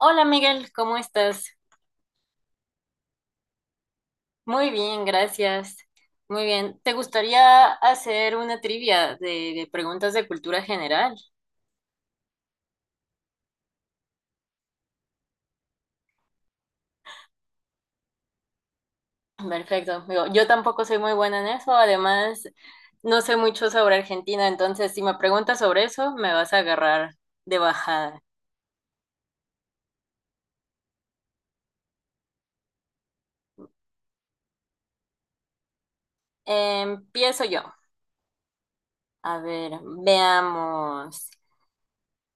Hola Miguel, ¿cómo estás? Muy bien, gracias. Muy bien. ¿Te gustaría hacer una trivia de preguntas de cultura general? Perfecto. Digo, yo tampoco soy muy buena en eso. Además, no sé mucho sobre Argentina, entonces si me preguntas sobre eso, me vas a agarrar de bajada. Empiezo yo. A ver, veamos.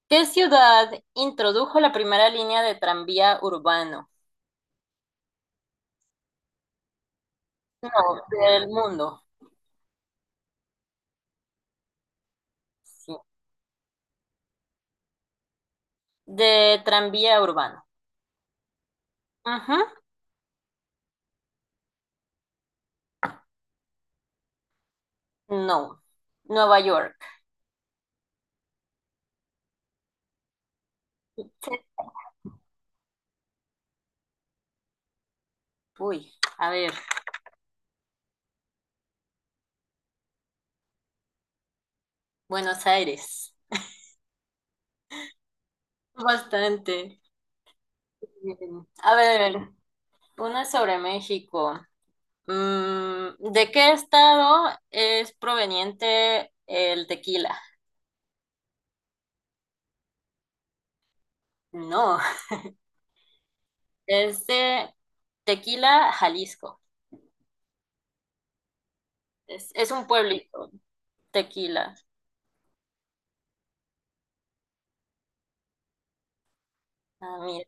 ¿Qué ciudad introdujo la primera línea de tranvía urbano? No, del mundo. Sí. De tranvía urbano. Ajá. No. Nueva York. Uy, a ver. Buenos Aires. Bastante. Bien. A ver, una sobre México. ¿De qué estado es proveniente el tequila? No, es de Tequila, Jalisco. Es un pueblito, Tequila. Ah, mira.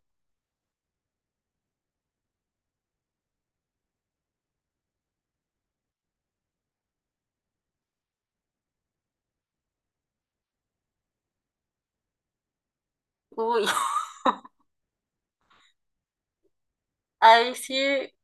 Uy, ahí sí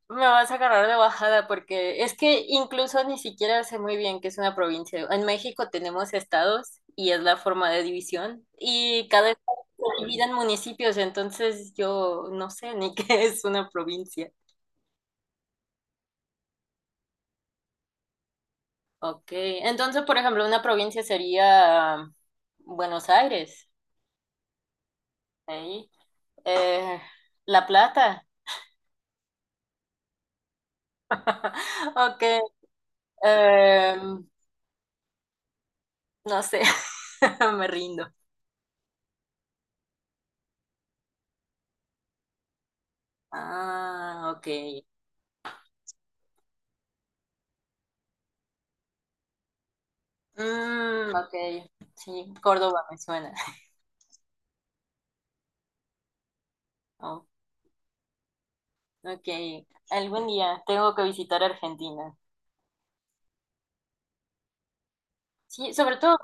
me vas a agarrar de bajada porque es que incluso ni siquiera sé muy bien qué es una provincia. En México tenemos estados y es la forma de división y cada estado se divide en municipios, entonces yo no sé ni qué es una provincia. Ok, entonces por ejemplo una provincia sería Buenos Aires, ahí. Eh, La Plata. Ok, em, no sé, me rindo. Ah, ok. Mm, ok, sí, Córdoba me suena. Oh, ok, algún día tengo que visitar Argentina. Sí, sobre todo,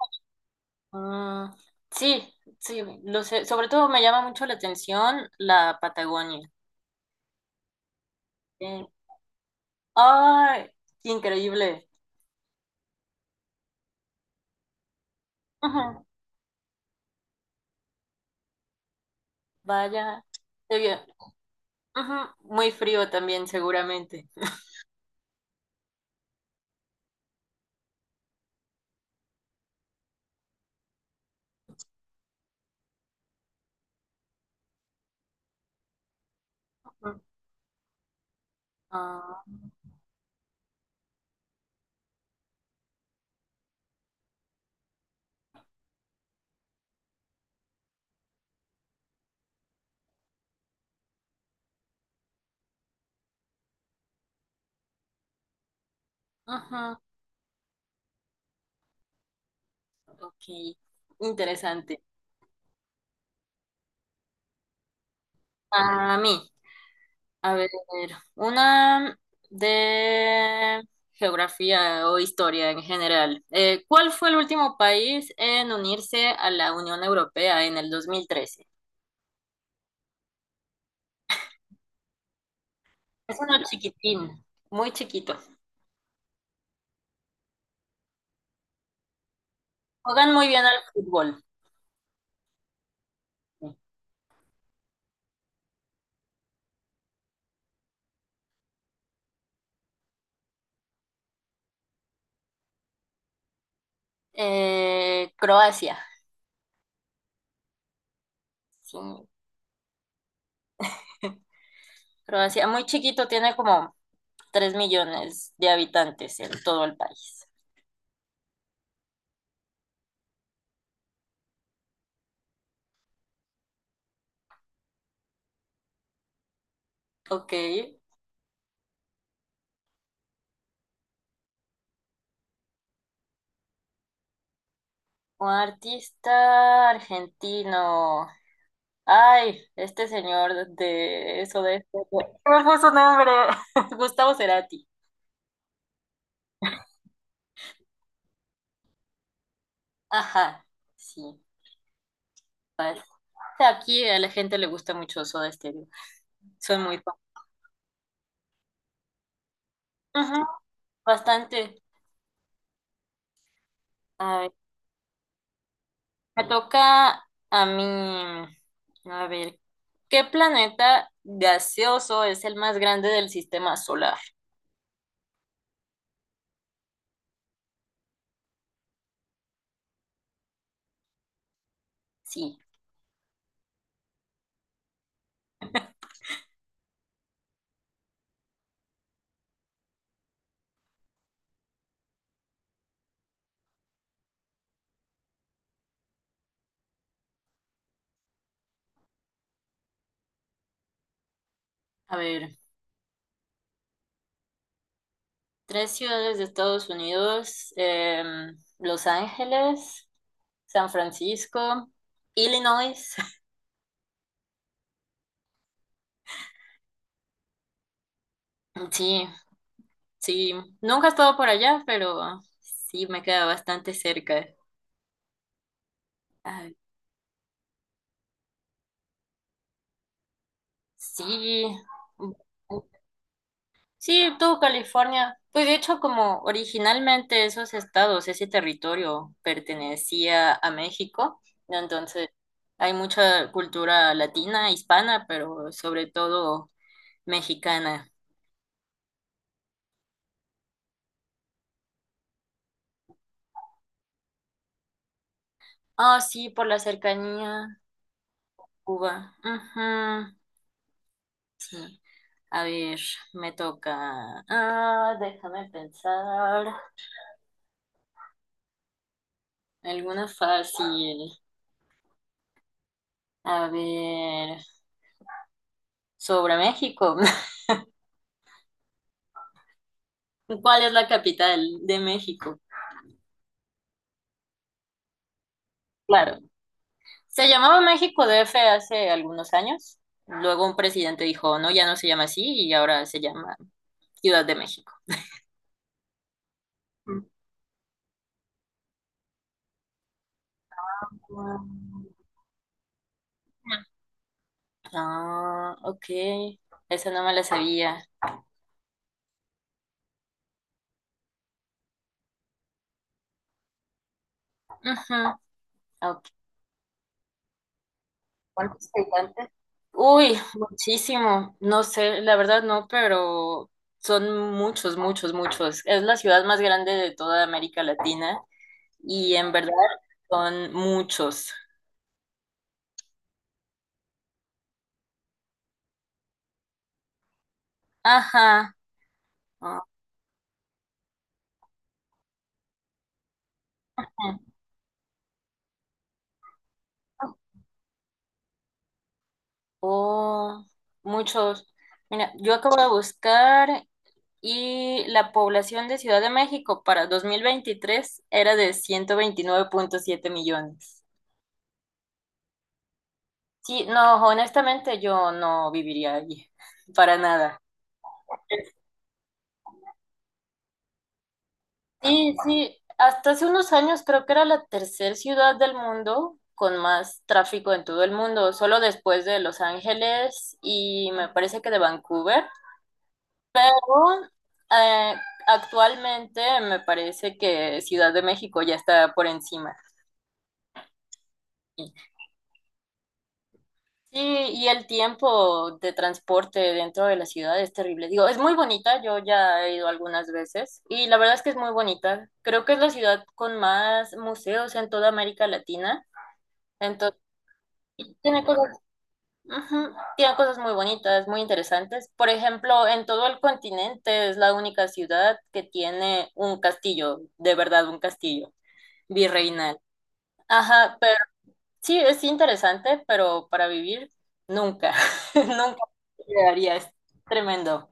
mm, sí, sí, lo sé. Sobre todo me llama mucho la atención la Patagonia. Eh, ¡Ay! Qué increíble. Ujú, vaya, qué bien. Ujú, muy frío también, seguramente. Ujú, ah, ujú, ok, interesante. A mí. A ver, una de geografía o historia en general. ¿Cuál fue el último país en unirse a la Unión Europea en el 2013? Es uno chiquitín, muy chiquito. Juegan muy bien al fútbol. Croacia. Sí, Croacia, muy chiquito, tiene como 3 millones de habitantes en todo el país. Ok, un artista argentino. Ay, este señor de eso, de esto. ¿Cuál fue su nombre? Gustavo Cerati. Ajá, sí. Pues, aquí a la gente le gusta mucho Soda Stereo. Soy muy fan. Ujú, bastante. A ver, me toca a mí. A ver, ¿qué planeta gaseoso es el más grande del sistema solar? Sí. A ver. Tres ciudades de Estados Unidos, Los Ángeles, San Francisco, Illinois. Sí, sí, nunca he estado por allá, pero sí me queda bastante cerca. Ay, sí, sí, todo California. Pues de hecho, como originalmente esos estados, ese territorio pertenecía a México, entonces hay mucha cultura latina, hispana, pero sobre todo mexicana. Ah, sí, por la cercanía, Cuba. Ujú. A ver, me toca. Ah, déjame pensar. Alguna fácil. A ver, sobre México. ¿Cuál es la capital de México? Claro. Se llamaba México DF hace algunos años. Luego un presidente dijo, no, ya no se llama así y ahora se llama Ciudad de México. Mm. Ah, ok. Esa no me la sabía. Ujú, ok. ¿Cuántos habitantes? Uy, muchísimo. No sé, la verdad no, pero son muchos, muchos, muchos. Es la ciudad más grande de toda América Latina y en verdad son muchos. Ajá. Ajá. Oh, muchos. Mira, yo acabo de buscar y la población de Ciudad de México para 2023 era de 129,7 millones. Sí, no, honestamente yo no viviría allí, para nada. Sí, sí, hasta hace unos años creo que era la tercer ciudad del mundo con más tráfico en todo el mundo, solo después de Los Ángeles y me parece que de Vancouver. Pero, eh, actualmente me parece que Ciudad de México ya está por encima. Sí, y el tiempo de transporte dentro de la ciudad es terrible. Digo, es muy bonita, yo ya he ido algunas veces y la verdad es que es muy bonita. Creo que es la ciudad con más museos en toda América Latina. Entonces, y tiene cosas, ujú, tiene cosas muy bonitas, muy interesantes. Por ejemplo, en todo el continente es la única ciudad que tiene un castillo, de verdad un castillo virreinal. Ajá, sí, es interesante, pero para vivir nunca, nunca llegaría, es tremendo.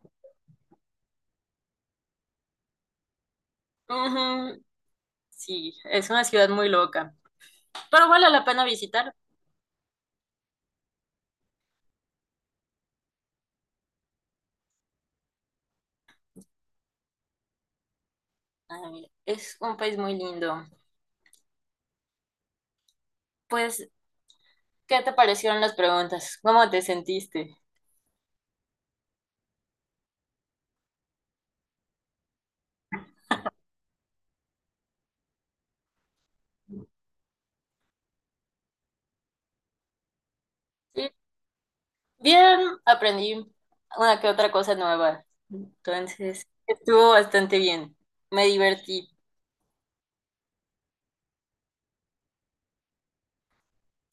Ujú, sí, es una ciudad muy loca, pero vale la pena visitar. Ay, es un país muy lindo. Pues, ¿qué te parecieron las preguntas? ¿Cómo te sentiste? Sí, bien, aprendí una que otra cosa nueva. Entonces, estuvo bastante bien. Me divertí.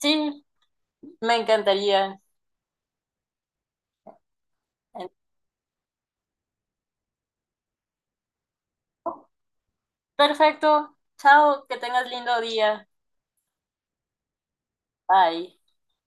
Sí, me encantaría. Perfecto. Chao, que tengas lindo día. Bye.